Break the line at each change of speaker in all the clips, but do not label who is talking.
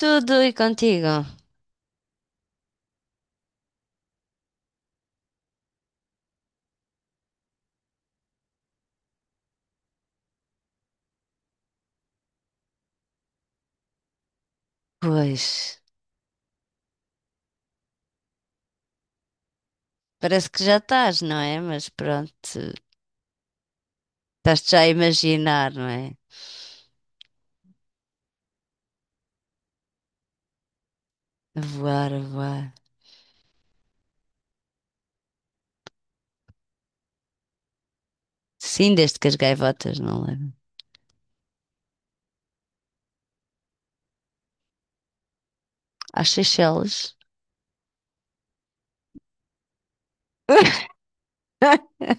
Tudo e contigo? Pois, parece que já estás, não é? Mas pronto, estás-te já a imaginar, não é? A voar, a voar. Sim, desde que as gaivotas não levam. Às Seychelles.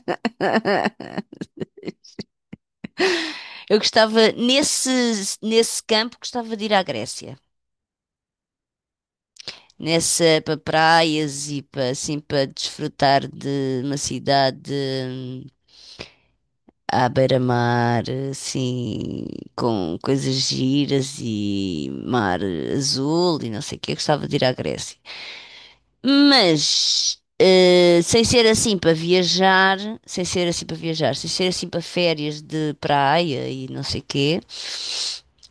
Eu gostava, nesse campo, gostava de ir à Grécia. Nessa, para praias e para, assim, para desfrutar de uma cidade hum, à beira-mar, assim, com coisas giras e mar azul e não sei o que. Eu gostava de ir à Grécia. Mas, sem ser assim para viajar, sem ser assim para viajar, sem ser assim para férias de praia e não sei o quê,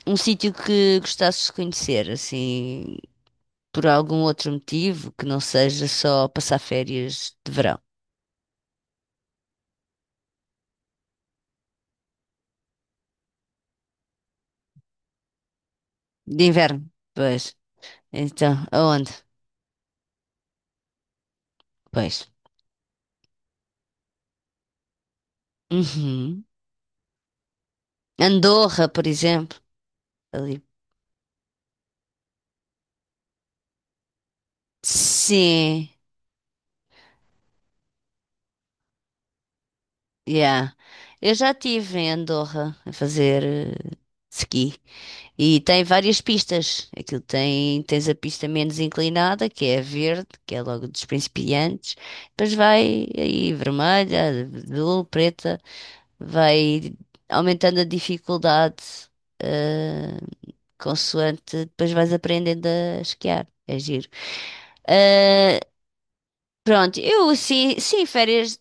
um sítio que gostasses de conhecer, assim, por algum outro motivo que não seja só passar férias de verão, de inverno, pois. Então, aonde? Pois. Uhum. Andorra, por exemplo. Ali. Sim, yeah. Eu já estive em Andorra a fazer ski e tem várias pistas. Aquilo tem, tens a pista menos inclinada, que é a verde, que é logo dos principiantes. Depois vai aí vermelha, azul, preta, vai aumentando a dificuldade, eh, consoante, depois vais aprendendo a esquiar. É giro. Ah, pronto, eu sim, sim, férias,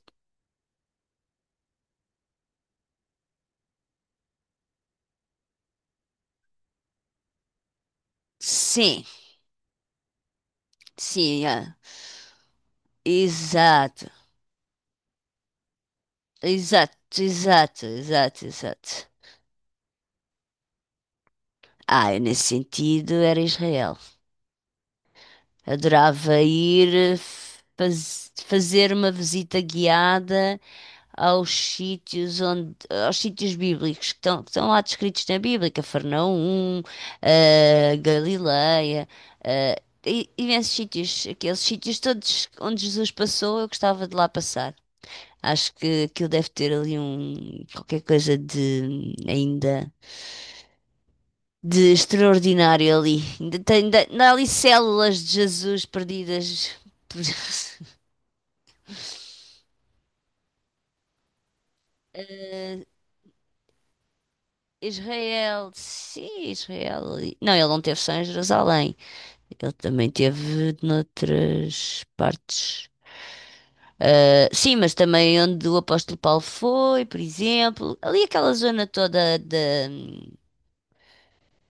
sim, sim, ah, exato, exato, exato, exato, exato. Ah, eu nesse sentido era Israel. Adorava ir fazer uma visita guiada aos sítios onde, aos sítios bíblicos que estão lá descritos na Bíblia, Cafarnaum, Galileia, eh, imensos sítios, aqueles sítios todos onde Jesus passou, eu gostava de lá passar. Acho que aquilo deve ter ali um qualquer coisa de ainda de extraordinário ali. Ainda há ali células de Jesus perdidas por Eh, Israel. Sim, Israel. Ali. Não, ele não teve só em Jerusalém. Ele também teve noutras partes. Sim, mas também onde o apóstolo Paulo foi, por exemplo, ali aquela zona toda da,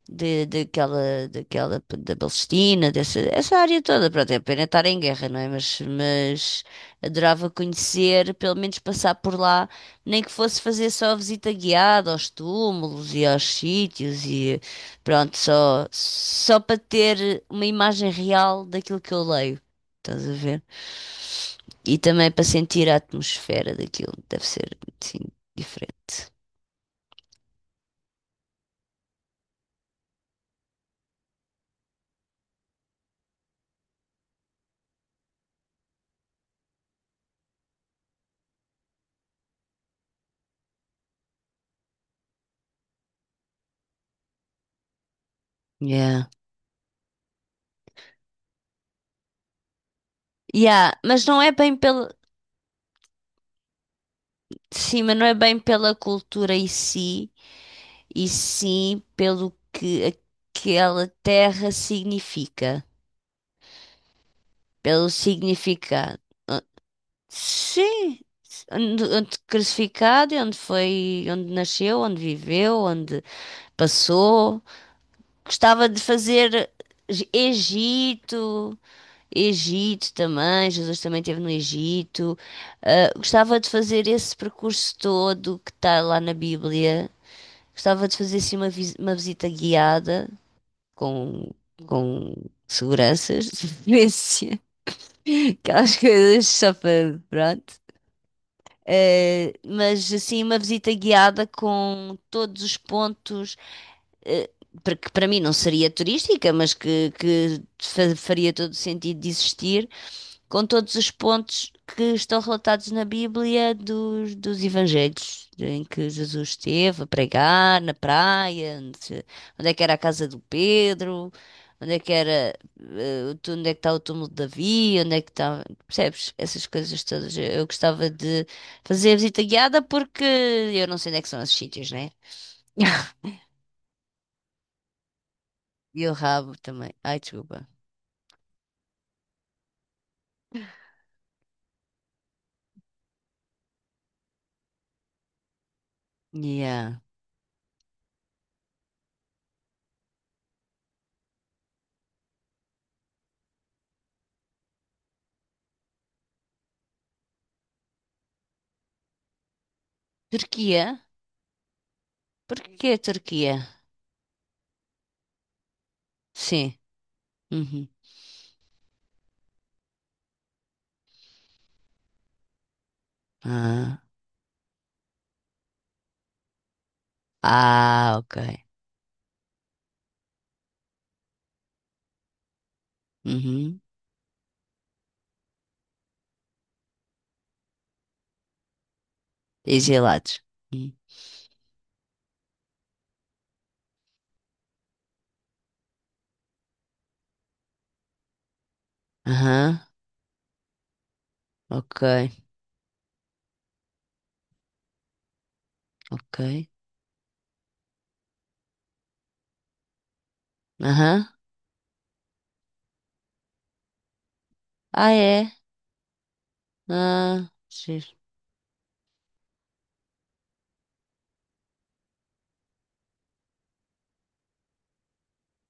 de, daquela, da Palestina, dessa, essa área toda. Pronto, é pena estar em guerra, não é? Mas adorava conhecer, pelo menos passar por lá, nem que fosse fazer só a visita guiada aos túmulos e aos sítios e pronto, só para ter uma imagem real daquilo que eu leio. Estás a ver? E também para sentir a atmosfera daquilo, deve ser assim, diferente. Yeah. Yeah, mas não é bem pelo. Sim, mas não é bem pela cultura em si, e sim pelo que aquela terra significa, pelo significado. Sim, onde, onde crucificado, e onde foi, onde nasceu, onde viveu, onde passou. Gostava de fazer Egito, Egito também, Jesus também esteve no Egito. Ah, gostava de fazer esse percurso todo que está lá na Bíblia. Gostava de fazer assim uma visita guiada com, com seguranças, de preferência, aquelas coisas só para, pronto. Mas assim, uma visita guiada com todos os pontos, eh, para que para mim não seria turística, mas que faria todo o sentido de existir, com todos os pontos que estão relatados na Bíblia dos Evangelhos, em que Jesus esteve a pregar na praia, onde, é que era a casa do Pedro, onde é que era, onde é que está o túmulo de Davi, onde é que está, percebes? Essas coisas todas. Eu gostava de fazer a visita guiada porque eu não sei onde é que são esses sítios, né? E o rabo também. Ai, desculpa. Yeah. Turquia? Por que Turquia? Sim. Uhum. Ah. Ah, ok. Uhum. E gelados. Hum. Aham. Ok, ok. Aham. Ah, é? Ah, giro.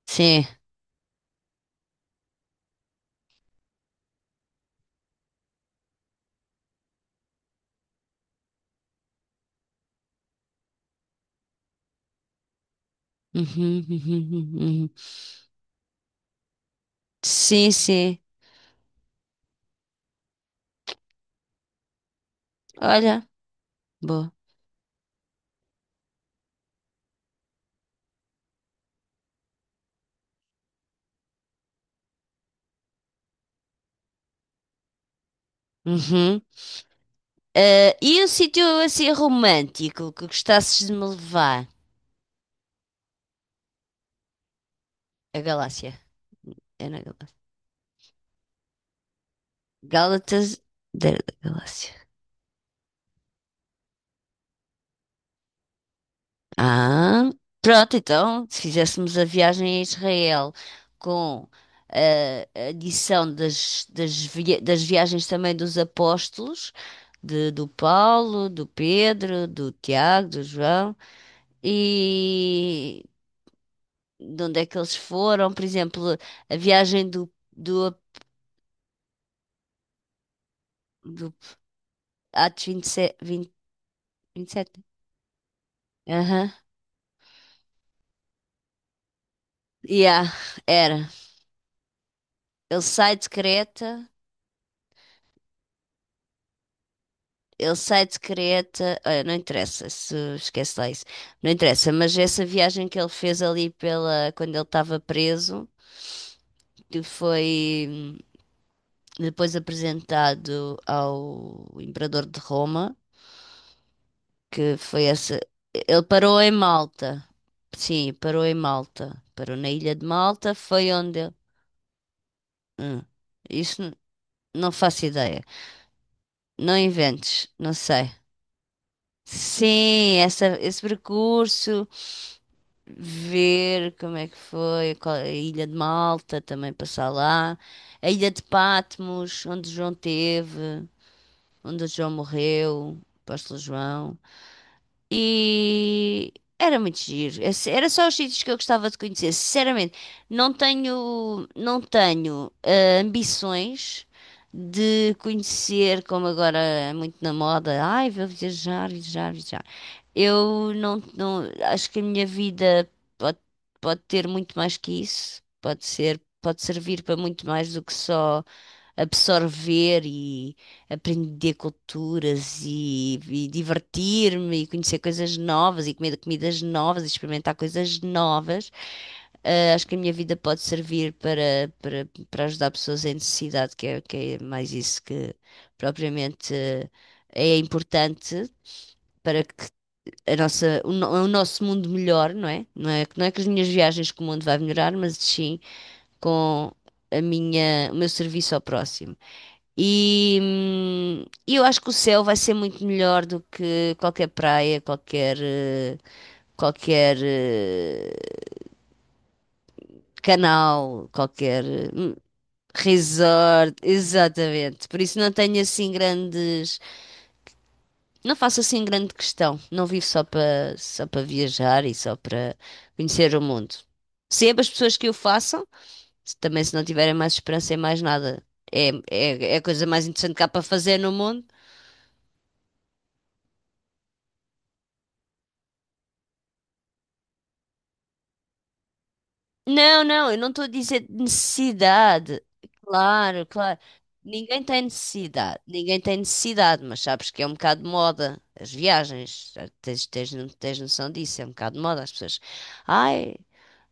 Sim. Uhum, uhum, uhum. Uhum. Sim, sim. Olha, boa. Uhum. E um sítio assim romântico que gostasses de me levar? A Galáxia. É na Galáxia. Gálatas da Galáxia. Ah, pronto, então, se fizéssemos a viagem a Israel com a adição das viagens também dos apóstolos, do Paulo, do Pedro, do Tiago, do João, e de onde é que eles foram, por exemplo, a viagem do Atos 27, 20, 27? Aham. Yeah, era. Ele sai de Creta. Ele sai de Creta, olha, não interessa se esquece lá isso, não interessa, mas essa viagem que ele fez ali pela, quando ele estava preso, que foi depois apresentado ao Imperador de Roma, que foi essa, ele parou em Malta, sim, parou em Malta, parou na ilha de Malta, foi onde ele, hum, isso n- não faço ideia, não inventes, não sei. Sim, essa, esse percurso. Ver como é que foi, a Ilha de Malta também passar lá, a Ilha de Patmos, onde João teve, onde João morreu, o apóstolo João. E era muito giro. Era só os sítios que eu gostava de conhecer. Sinceramente, não tenho ambições de conhecer, como agora é muito na moda, ai, vou viajar, viajar, viajar. Eu não, não, acho que a minha vida pode, pode ter muito mais que isso. Pode ser, pode servir para muito mais do que só absorver e aprender culturas e divertir-me e conhecer coisas novas e comer comidas novas e experimentar coisas novas. Ah, acho que a minha vida pode servir para ajudar pessoas em necessidade, que é mais isso que propriamente é importante para que a nossa, o, no- o nosso mundo melhore, não é? Não é com as minhas viagens que o mundo vai melhorar, mas sim com o meu serviço ao próximo. E eu acho que o céu vai ser muito melhor do que qualquer praia, qualquer, qualquer canal, qualquer hum, resort, exatamente. Por isso não faço assim grande questão. Não vivo só para viajar e só para conhecer o mundo. Sempre as pessoas que o façam, também se não tiverem mais esperança em mais nada. É a coisa mais interessante que há para fazer no mundo. Não, não, eu não estou a dizer necessidade. Claro, claro. Ninguém tem necessidade. Ninguém tem necessidade, mas sabes que é um bocado de moda. As viagens, tens, tens, no- tens noção disso, é um bocado de moda. As pessoas, ai,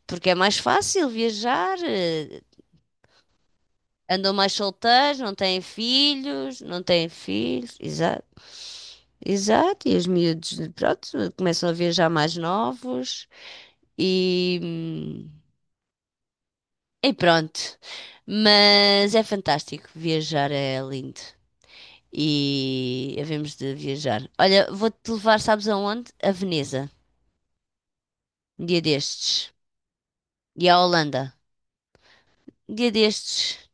porque é mais fácil viajar. Andam mais solteiros, não têm filhos, não têm filhos. Exato, exato. E os miúdos, pronto, começam a viajar mais novos. E. E pronto. Mas é fantástico. Viajar é lindo. E havemos de viajar. Olha, vou-te levar, sabes aonde? A Veneza. Um dia destes. E à Holanda. Um dia destes.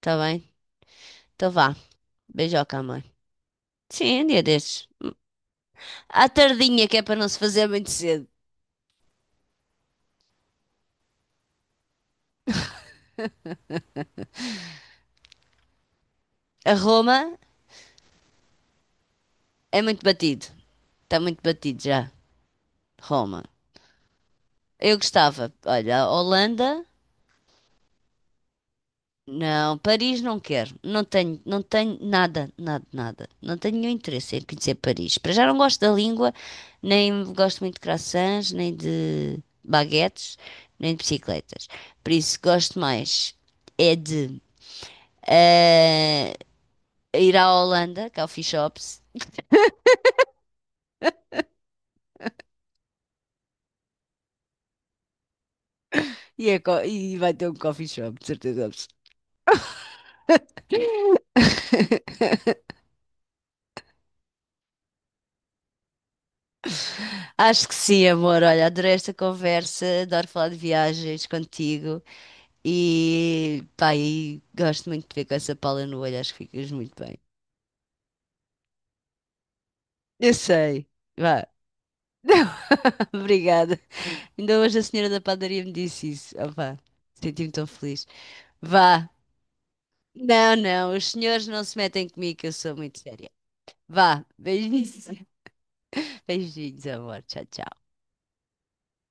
Tá bem? Então vá. Beijoca, amor. Sim, um dia destes. À tardinha, que é para não se fazer muito cedo. A Roma é muito batido. Está muito batido já. Roma. Eu gostava. Olha, a Holanda. Não, Paris não quero. Não tenho nada, nada, nada. Não tenho nenhum interesse em conhecer Paris. Para já não gosto da língua, nem gosto muito de croissants, nem de baguetes, nem de bicicletas. Por isso gosto mais é de eh, ir à Holanda, é Coffee Shops. E vai ter um coffee shop, de certeza absoluta. Acho que sim, amor. Olha, adorei esta conversa, adoro falar de viagens contigo. E pá, e gosto muito de ver com essa pala no olho, acho que ficas muito bem. Eu sei, vá. Obrigada. Ainda hoje a senhora da padaria me disse isso. Opá, senti-me tão feliz. Vá. Não, não, os senhores não se metem comigo, que eu sou muito séria. Vá, beijinhos. Beijinhos, amor. Tchau, tchau.